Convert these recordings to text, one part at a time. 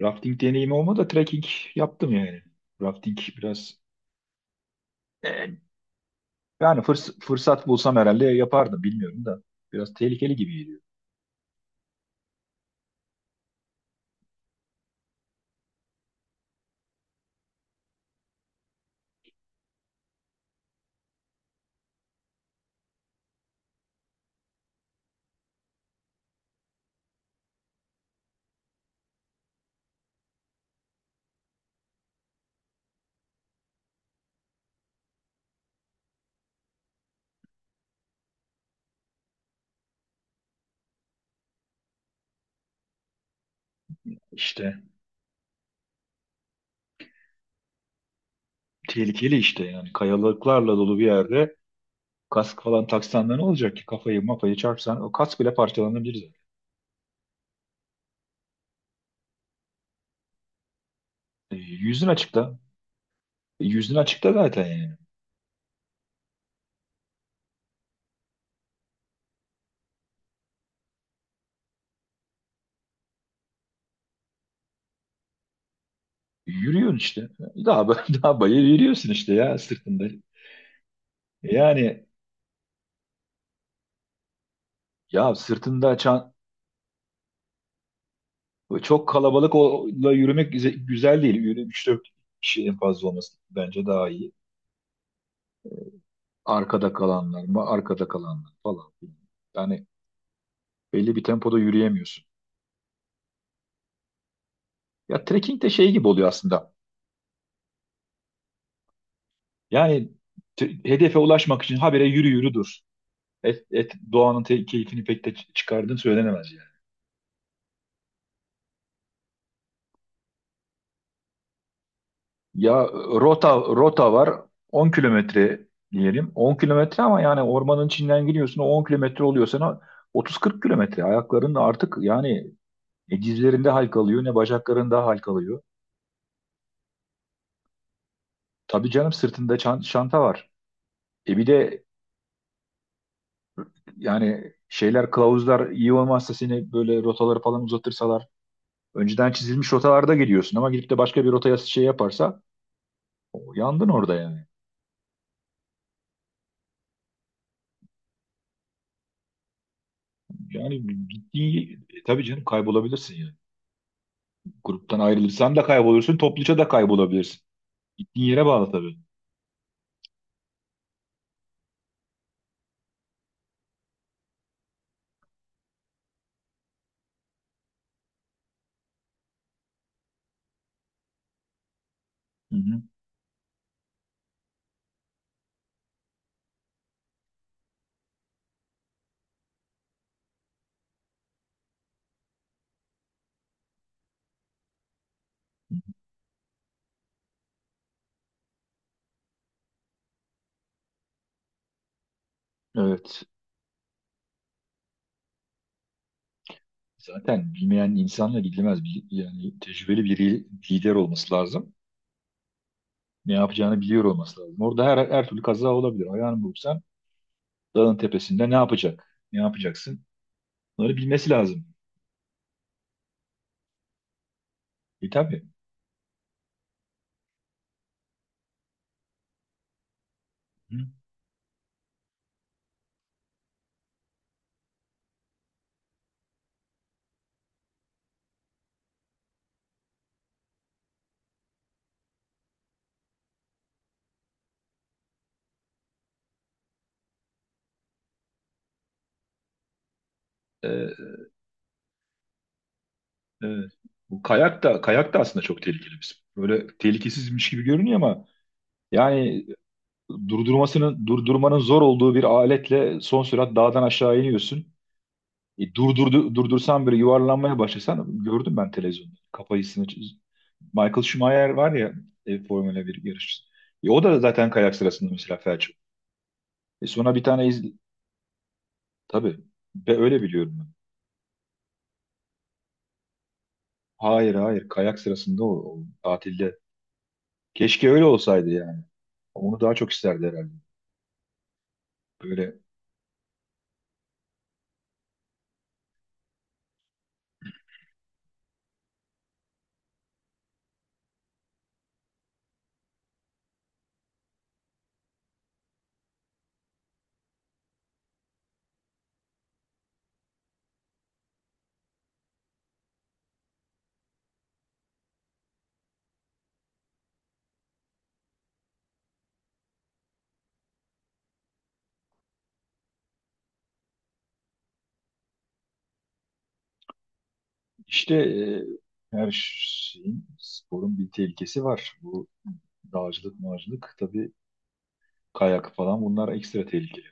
Rafting deneyimi olmadı da trekking yaptım yani. Rafting biraz e, yani fırsat bulsam herhalde yapardım bilmiyorum da. Biraz tehlikeli gibi geliyor. İşte tehlikeli işte yani kayalıklarla dolu bir yerde kask falan taksan da ne olacak ki kafayı mafayı çarpsan o kask bile parçalanabilir zaten. Yüzün açıkta. Yüzün açıkta zaten yani. Yürüyorsun işte. Daha, daha bayır yürüyorsun işte ya sırtında. Yani ya sırtında çan, çok kalabalıkla yürümek güzel değil. Yürü üç dört kişi en fazla olması bence daha iyi. Arkada kalanlar mı? Arkada kalanlar falan filan. Yani belli bir tempoda yürüyemiyorsun. Ya trekking de şey gibi oluyor aslında. Yani hedefe ulaşmak için habire yürü yürü dur. Doğanın keyfini pek de çıkardığın söylenemez yani. Ya rota rota var, 10 km diyelim. 10 km ama yani ormanın içinden giriyorsun, o 10 km oluyor sana 30-40 kilometre, ayakların artık yani. Ne dizlerinde halkalıyor ne bacaklarında halkalıyor. Tabii canım, sırtında çanta var. E bir de yani şeyler, kılavuzlar iyi olmazsa, seni böyle rotaları falan uzatırsalar. Önceden çizilmiş rotalarda gidiyorsun ama gidip de başka bir rotaya şey yaparsa, o, yandın orada yani. Yani tabii canım, kaybolabilirsin yani. Gruptan ayrılırsan da kaybolursun, topluca da kaybolabilirsin. Gittiğin yere bağlı tabii. Hı hı. Evet. Zaten bilmeyen insanla gidilmez. Yani tecrübeli bir lider olması lazım. Ne yapacağını biliyor olması lazım. Orada her, her türlü kaza olabilir. Ayağını burksan dağın tepesinde ne yapacak? Ne yapacaksın? Bunları bilmesi lazım. Tabii. Hı. Ee, evet. Bu kayak da kayak da aslında çok tehlikeli bir spor. Böyle tehlikesizmiş gibi görünüyor ama yani durdurmasının durdurmanın zor olduğu bir aletle son sürat dağdan aşağı iniyorsun. Durdursan böyle yuvarlanmaya başlasan, gördüm ben televizyonda. Michael Schumacher var ya, Formula 1 yarışçısı. O da zaten kayak sırasında mesela felç. E, sonra bir tane iz... Tabii. Ve öyle biliyorum ben. Hayır hayır, kayak sırasında, o tatilde. Keşke öyle olsaydı yani. Onu daha çok isterdi herhalde. Böyle işte e, her şeyin, sporun bir tehlikesi var. Bu dağcılık mağcılık tabii, kayak falan, bunlar ekstra tehlikeli.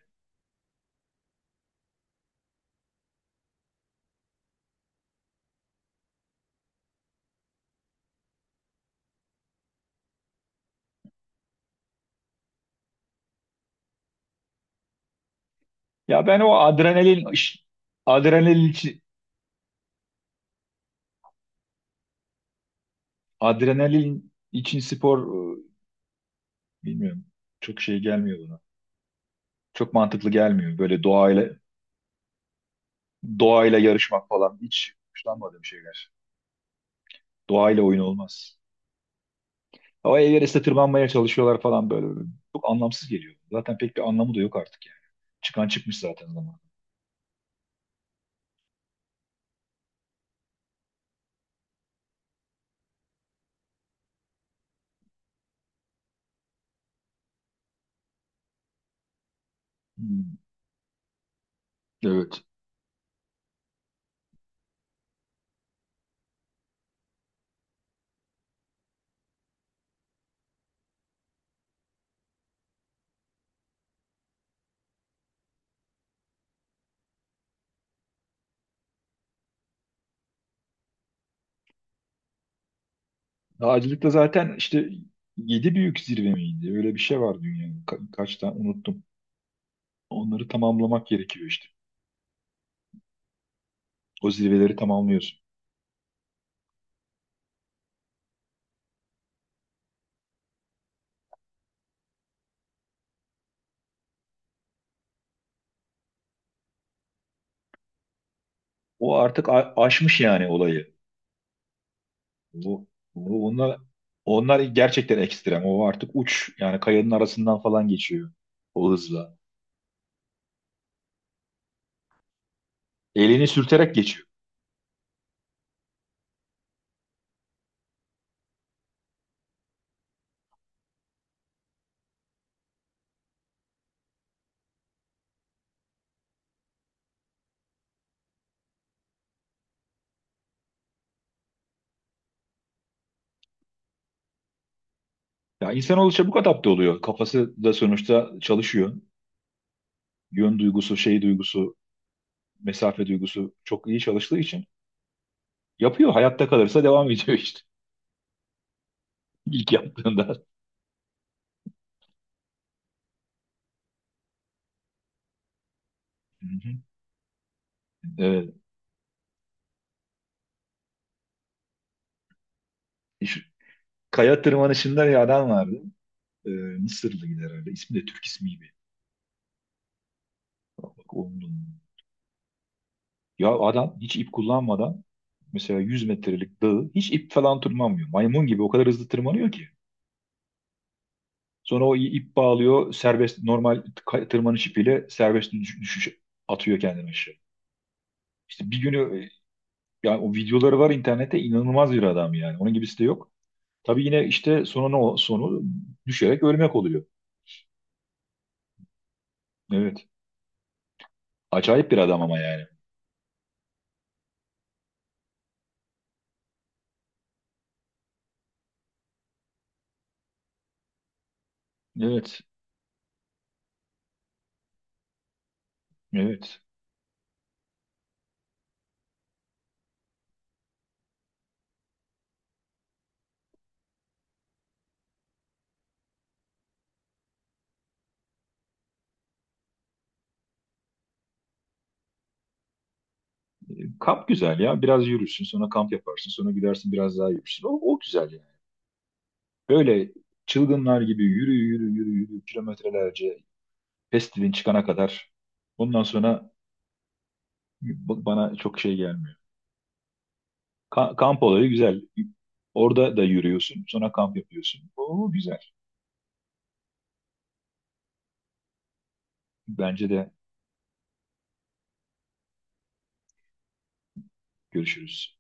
Ya ben adrenalin için spor e, bilmiyorum. Çok şey gelmiyor bana. Çok mantıklı gelmiyor. Böyle doğayla yarışmak falan hiç hoşlanmadığım şeyler. Doğayla oyun olmaz. Ama Everest'e tırmanmaya çalışıyorlar falan böyle. Çok anlamsız geliyor. Zaten pek bir anlamı da yok artık yani. Çıkan çıkmış zaten zaman. Hmm, evet. Dağcılıkta zaten işte yedi büyük zirve miydi? Öyle bir şey var dünyada. Kaç tane unuttum. Onları tamamlamak gerekiyor işte. O zirveleri tamamlıyorsun. O artık aşmış yani olayı. Bu, bu onlar gerçekten ekstrem. O artık uç. Yani kayanın arasından falan geçiyor o hızla. Elini sürterek geçiyor. Ya insanoğlu çabuk adapte oluyor. Kafası da sonuçta çalışıyor. Yön duygusu, şey duygusu, mesafe duygusu çok iyi çalıştığı için yapıyor. Hayatta kalırsa devam ediyor işte. İlk yaptığında. Hı hı. Evet. Şu kaya tırmanışında bir adam vardı. Mısırlı gider herhalde. İsmi de Türk ismi gibi. Bak, onun da, ya adam hiç ip kullanmadan mesela 100 metrelik dağı hiç ip falan tırmanmıyor. Maymun gibi o kadar hızlı tırmanıyor ki. Sonra o ip bağlıyor, serbest normal tırmanış ipiyle serbest düşüş, atıyor kendini aşağı. İşte yani o videoları var internette, inanılmaz bir adam yani. Onun gibisi de yok. Tabii yine işte sonu ne, sonu düşerek ölmek oluyor. Evet. Acayip bir adam ama yani. Evet. Evet. Kamp güzel ya. Biraz yürürsün, sonra kamp yaparsın, sonra gidersin biraz daha yürürsün. O, o güzel yani. Böyle çılgınlar gibi yürü yürü yürü yürü kilometrelerce, festivalin çıkana kadar. Ondan sonra bana çok şey gelmiyor. Kamp olayı güzel. Orada da yürüyorsun. Sonra kamp yapıyorsun. Oo güzel. Bence de. Görüşürüz.